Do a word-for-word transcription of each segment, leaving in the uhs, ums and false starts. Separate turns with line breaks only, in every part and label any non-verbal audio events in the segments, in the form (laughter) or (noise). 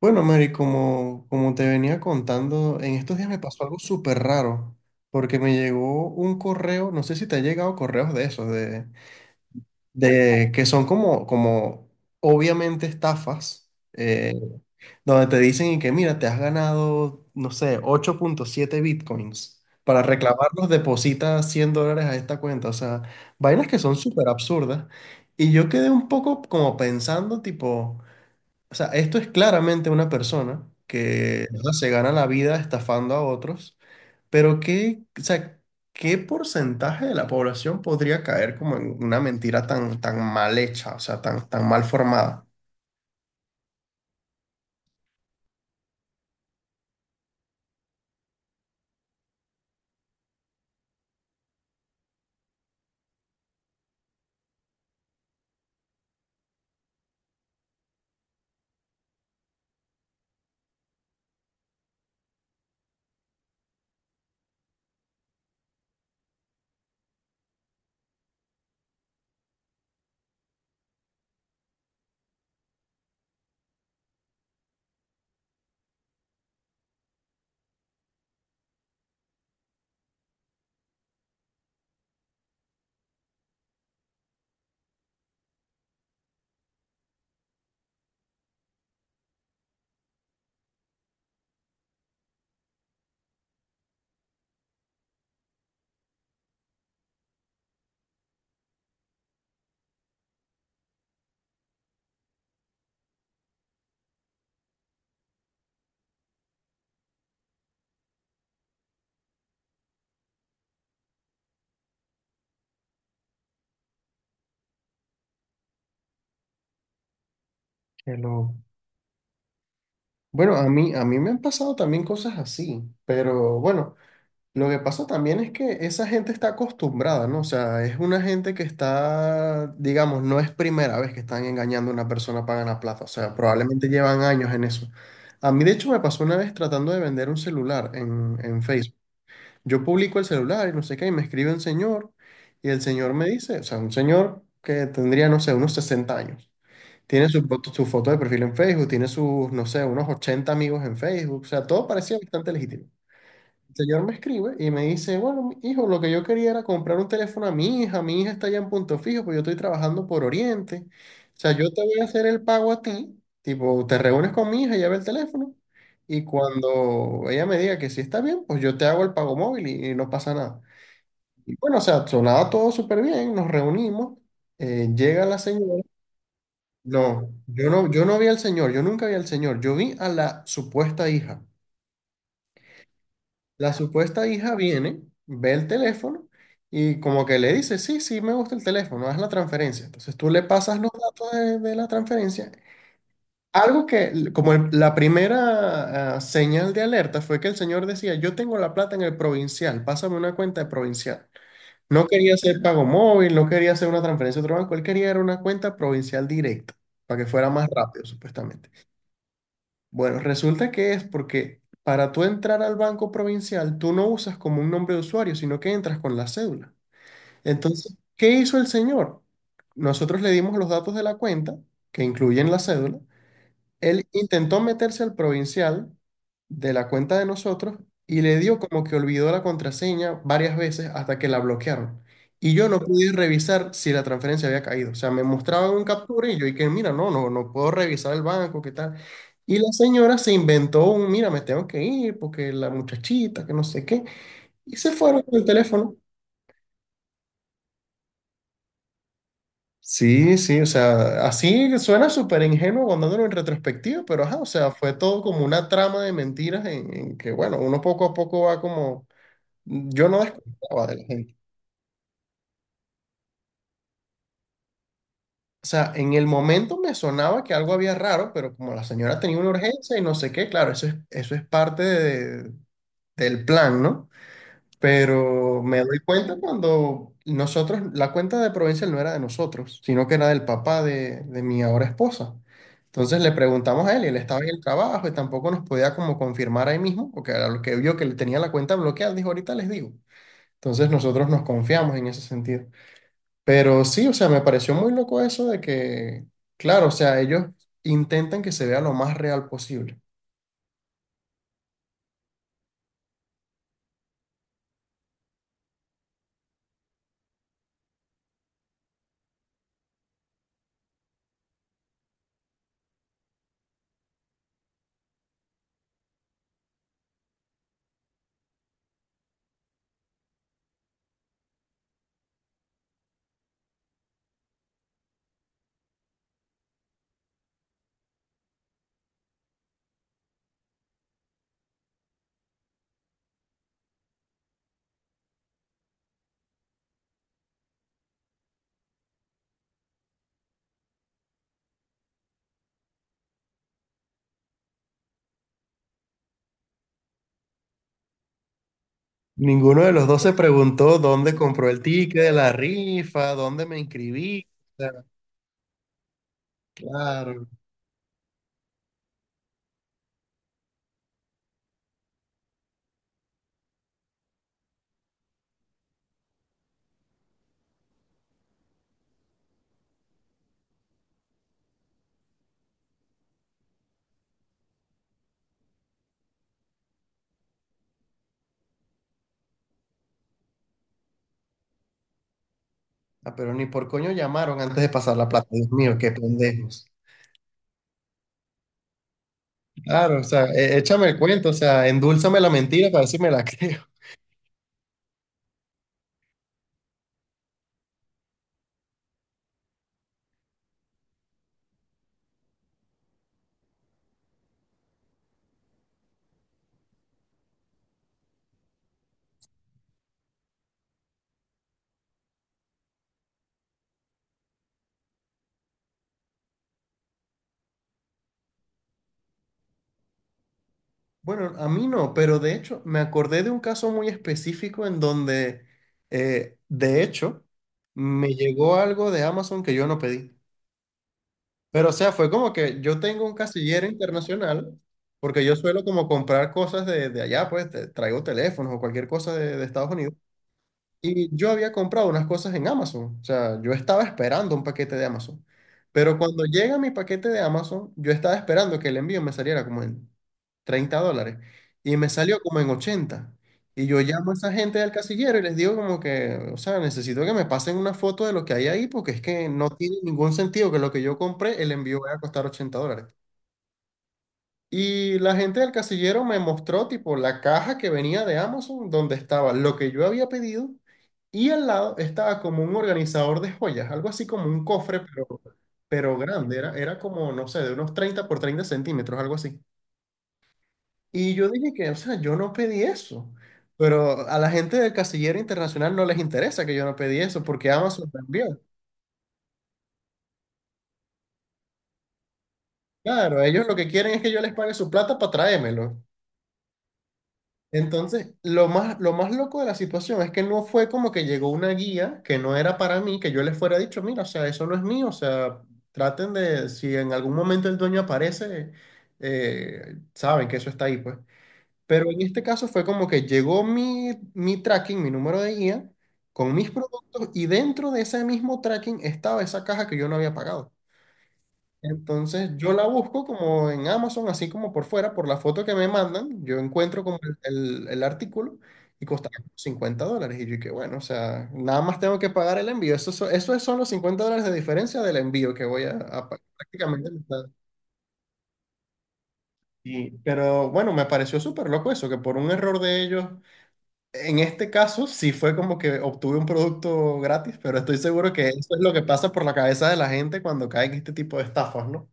Bueno, Mary, como, como te venía contando, en estos días me pasó algo súper raro, porque me llegó un correo, no sé si te ha llegado correos de esos, de, de que son como, como obviamente estafas, eh, donde te dicen y que mira, te has ganado, no sé, ocho punto siete bitcoins. Para reclamarlos, deposita cien dólares a esta cuenta. O sea, vainas que son súper absurdas. Y yo quedé un poco como pensando, tipo. O sea, esto es claramente una persona que, o sea, se gana la vida estafando a otros, pero ¿qué, o sea, qué porcentaje de la población podría caer como en una mentira tan, tan mal hecha, o sea, tan, tan mal formada? Que lo- Bueno, a mí, a mí me han pasado también cosas así, pero bueno. Lo que pasa también es que esa gente está acostumbrada, ¿no? O sea, es una gente que está, digamos, no es primera vez que están engañando a una persona para ganar plata. O sea, Claro. probablemente llevan años en eso. A mí, de hecho, me pasó una vez tratando de vender un celular en, en Facebook. Yo publico el celular y no sé qué, y me escribe un señor, y el señor me dice, o sea, un señor que tendría, no sé, unos sesenta años. Tiene su, foto- su foto de perfil en Facebook, tiene sus, no sé, unos ochenta amigos en Facebook. O sea, todo parecía bastante legítimo. El señor me escribe y me dice, bueno, hijo, lo que yo quería era comprar un teléfono a mi hija, mi hija está allá en Punto Fijo, pues yo estoy trabajando por Oriente. O sea, yo te voy a hacer el pago a ti, tipo, te reúnes con mi hija, lleva el teléfono, y cuando ella me diga que sí está bien, pues yo te hago el pago móvil y, y no pasa nada. Y bueno, o sea, sonaba todo súper bien, nos reunimos, eh, llega la señora. No, yo no, yo no vi al señor, yo nunca vi al señor, yo vi a la supuesta hija. La supuesta hija viene, ve el teléfono y como que le dice, sí, sí, me gusta el teléfono, haz la transferencia. Entonces tú le pasas los datos de, de la transferencia. Algo que, como el- la primera ah, señal de alerta fue que el señor decía, yo tengo la plata en el provincial, pásame una cuenta de provincial. No quería hacer pago móvil, no quería hacer una transferencia a otro banco, él quería era una cuenta provincial directa, para que fuera más rápido, supuestamente. Bueno, resulta que es porque para tú entrar al banco provincial, tú no usas como un nombre de usuario, sino que entras con la cédula. Entonces, ¿qué hizo el señor? Nosotros le dimos los datos de la cuenta, que incluyen la cédula, él intentó meterse al provincial de la cuenta de nosotros y le dio como que olvidó la contraseña varias veces hasta que la bloquearon. Y yo no pude revisar si la transferencia había caído. O sea, me mostraban un captura y yo dije, mira, no, no, no puedo revisar el banco, ¿qué tal? Y la señora se inventó un, mira, me tengo que ir porque la muchachita, que no sé qué. Y se fueron con el teléfono. Sí, sí, o sea, así suena súper ingenuo contándolo en retrospectiva, pero ajá, o sea, fue todo como una trama de mentiras en, en que, bueno, uno poco a poco va como, yo no desconfiaba de la gente. O sea, en el momento me sonaba que algo había raro, pero como la señora tenía una urgencia y no sé qué, claro, eso es, eso es parte de- del plan, ¿no? Pero me doy cuenta cuando nosotros, la cuenta de Provincial no era de nosotros, sino que era del papá de, de mi ahora esposa. Entonces le preguntamos a él y él estaba en el trabajo y tampoco nos podía como confirmar ahí mismo, porque a lo que vio que le tenía la cuenta bloqueada, dijo, ahorita les digo. Entonces nosotros nos confiamos en ese sentido. Pero sí, o sea, me pareció muy loco eso de que, claro, o sea, ellos intentan que se vea lo más real posible. Ninguno de los dos se preguntó dónde compró el ticket de la rifa, dónde me inscribí. O sea, Claro. Ah, pero ni por coño llamaron antes de pasar la plata. Dios mío, qué pendejos. Claro, o sea, e- échame el cuento, o sea, endúlzame la mentira para ver si me la (laughs) creo. Bueno, a mí no, pero de hecho me acordé de un caso muy específico en donde, eh, de hecho, me llegó algo de Amazon que yo no pedí. Pero o sea, fue como que yo tengo un casillero internacional, porque yo suelo como comprar cosas de, de allá, pues te- traigo teléfonos o cualquier cosa de, de Estados Unidos. Y yo había comprado unas cosas en Amazon, o sea, yo estaba esperando un paquete de Amazon. Pero cuando llega mi paquete de Amazon, yo estaba esperando que el envío me saliera como en treinta dólares y me salió como en ochenta Y yo llamo a esa gente del casillero y les digo como que, o sea, necesito que me pasen una foto de lo que hay ahí porque es que no tiene ningún sentido que lo que yo compré, el envío vaya a costar ochenta dólares. Y la gente del casillero me mostró tipo la caja que venía de Amazon donde estaba lo que yo había pedido y al lado estaba como un organizador de joyas, algo así como un cofre, pero, pero grande, era, era como, no sé, de unos treinta por treinta centímetros, algo así. Y yo dije que, o sea, yo no pedí eso, pero a la gente del casillero internacional no les interesa que yo no pedí eso porque Amazon también. Claro, ellos lo que quieren es que yo les pague su plata para traérmelo. Entonces, lo más, lo más loco de la situación es que no fue como que llegó una guía que no era para mí, que yo les fuera dicho, mira, o sea, eso no es mío, o sea, traten de, si en algún momento el dueño aparece, eh, saben que eso está ahí, pues. Pero en este caso fue como que llegó mi, mi tracking, mi número de guía, con mis productos y dentro de ese mismo tracking estaba esa caja que yo no había pagado. Entonces yo la busco como en Amazon, así como por fuera, por la foto que me mandan, yo encuentro como el, el- el artículo y costaba como cincuenta dólares. Y yo que bueno, o sea, nada más tengo que pagar el envío. Eso, so- eso son los cincuenta dólares de diferencia del envío que voy a, a pagar prácticamente. la mitad. Y, pero bueno, me pareció súper loco eso, que por un error de ellos, en este caso sí fue como que obtuve un producto gratis, pero estoy seguro que eso es lo que pasa por la cabeza de la gente cuando caen este tipo de estafas, ¿no?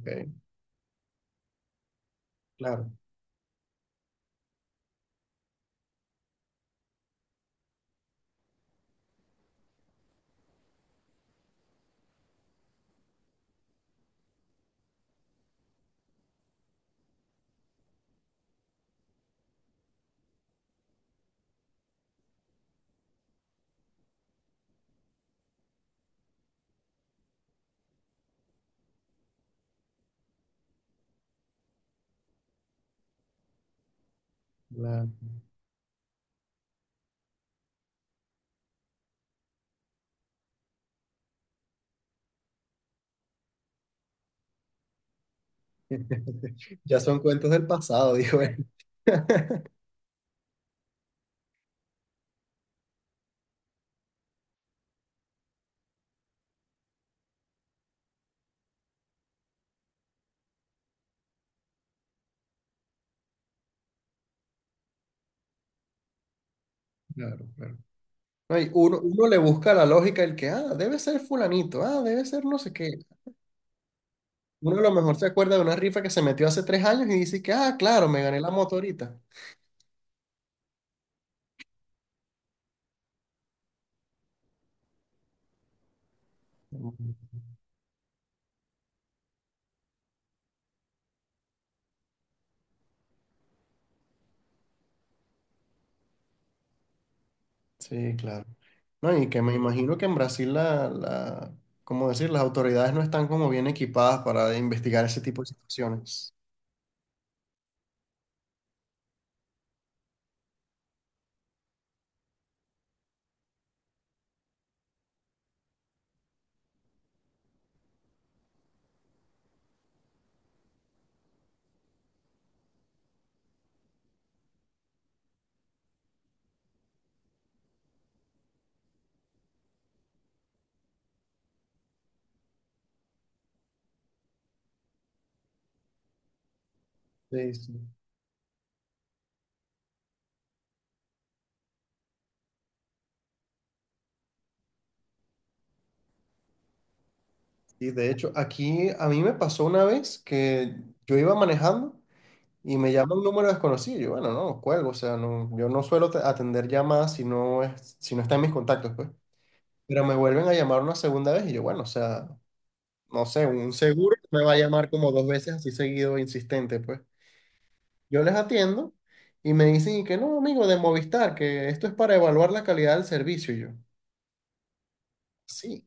Ok, claro. (laughs) Ya son cuentos del pasado, dijo él. (laughs) Claro, claro. No, y uno, uno le busca la lógica el que, ah, debe ser fulanito, ah, debe ser no sé qué. Uno a lo mejor se acuerda de una rifa que se metió hace tres años y dice que, ah, claro, me gané la moto ahorita. Sí, claro. No, y que me imagino que en Brasil la, la, ¿cómo decir? Las autoridades no están como bien equipadas para investigar ese tipo de situaciones. Sí, sí. Y de hecho, aquí a mí me pasó una vez que yo iba manejando. Y me llama un número desconocido. y yo, bueno, no, cuelgo. O sea, no, yo no suelo te- atender llamadas si no es, si no está en mis contactos, pues. Pero me vuelven a llamar una segunda vez y yo, bueno, o sea, no sé, un seguro me va a llamar como dos veces así seguido, insistente, pues. Yo les atiendo y me dicen y que no, amigo, de Movistar, que esto es para evaluar la calidad del servicio. Y yo, sí.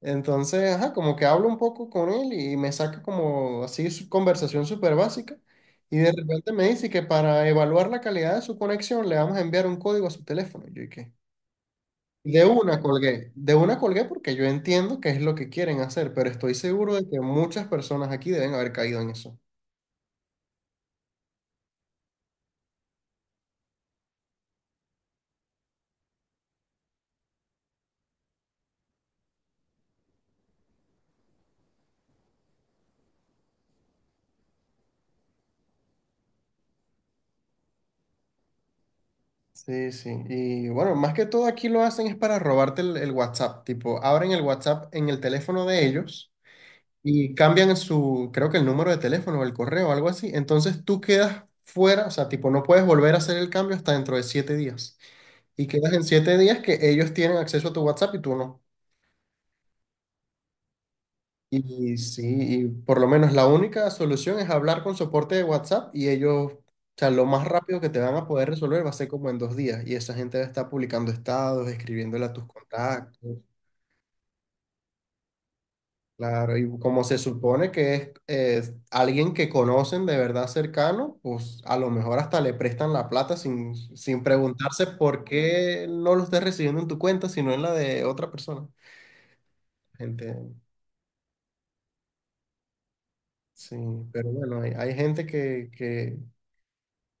Entonces, ajá, como que hablo un poco con él y me saca como así su conversación súper básica y de repente me dice que para evaluar la calidad de su conexión le vamos a enviar un código a su teléfono. Y Yo, ¿y qué? De una colgué, de una colgué porque yo entiendo que es lo que quieren hacer, pero estoy seguro de que muchas personas aquí deben haber caído en eso. Sí, sí. Y bueno, más que todo aquí lo hacen es para robarte el, el WhatsApp. Tipo, abren el WhatsApp en el teléfono de ellos y cambian su, creo que el número de teléfono o el correo o algo así. Entonces tú quedas fuera, o sea, tipo, no puedes volver a hacer el cambio hasta dentro de siete días. Y quedas en siete días que ellos tienen acceso a tu WhatsApp y tú no. Y sí, y por lo menos la única solución es hablar con soporte de WhatsApp y ellos, o sea, lo más rápido que te van a poder resolver va a ser como en dos días. Y esa gente va a estar publicando estados, escribiéndole a tus contactos. Claro, y como se supone que es, es alguien que conocen de verdad cercano, pues a lo mejor hasta le prestan la plata sin, sin preguntarse por qué no lo estás recibiendo en tu cuenta, sino en la de otra persona. Gente, sí, pero bueno, hay, hay gente que, que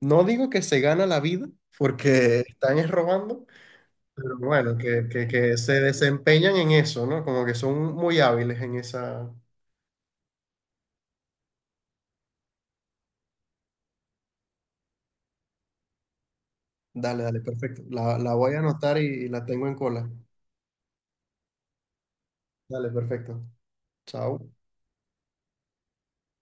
no digo que se gana la vida porque están es robando, pero bueno, que, que, que se desempeñan en eso, ¿no? Como que son muy hábiles en esa... Dale, dale, perfecto. La, la voy a anotar y y la tengo en cola. Dale, perfecto. Chao.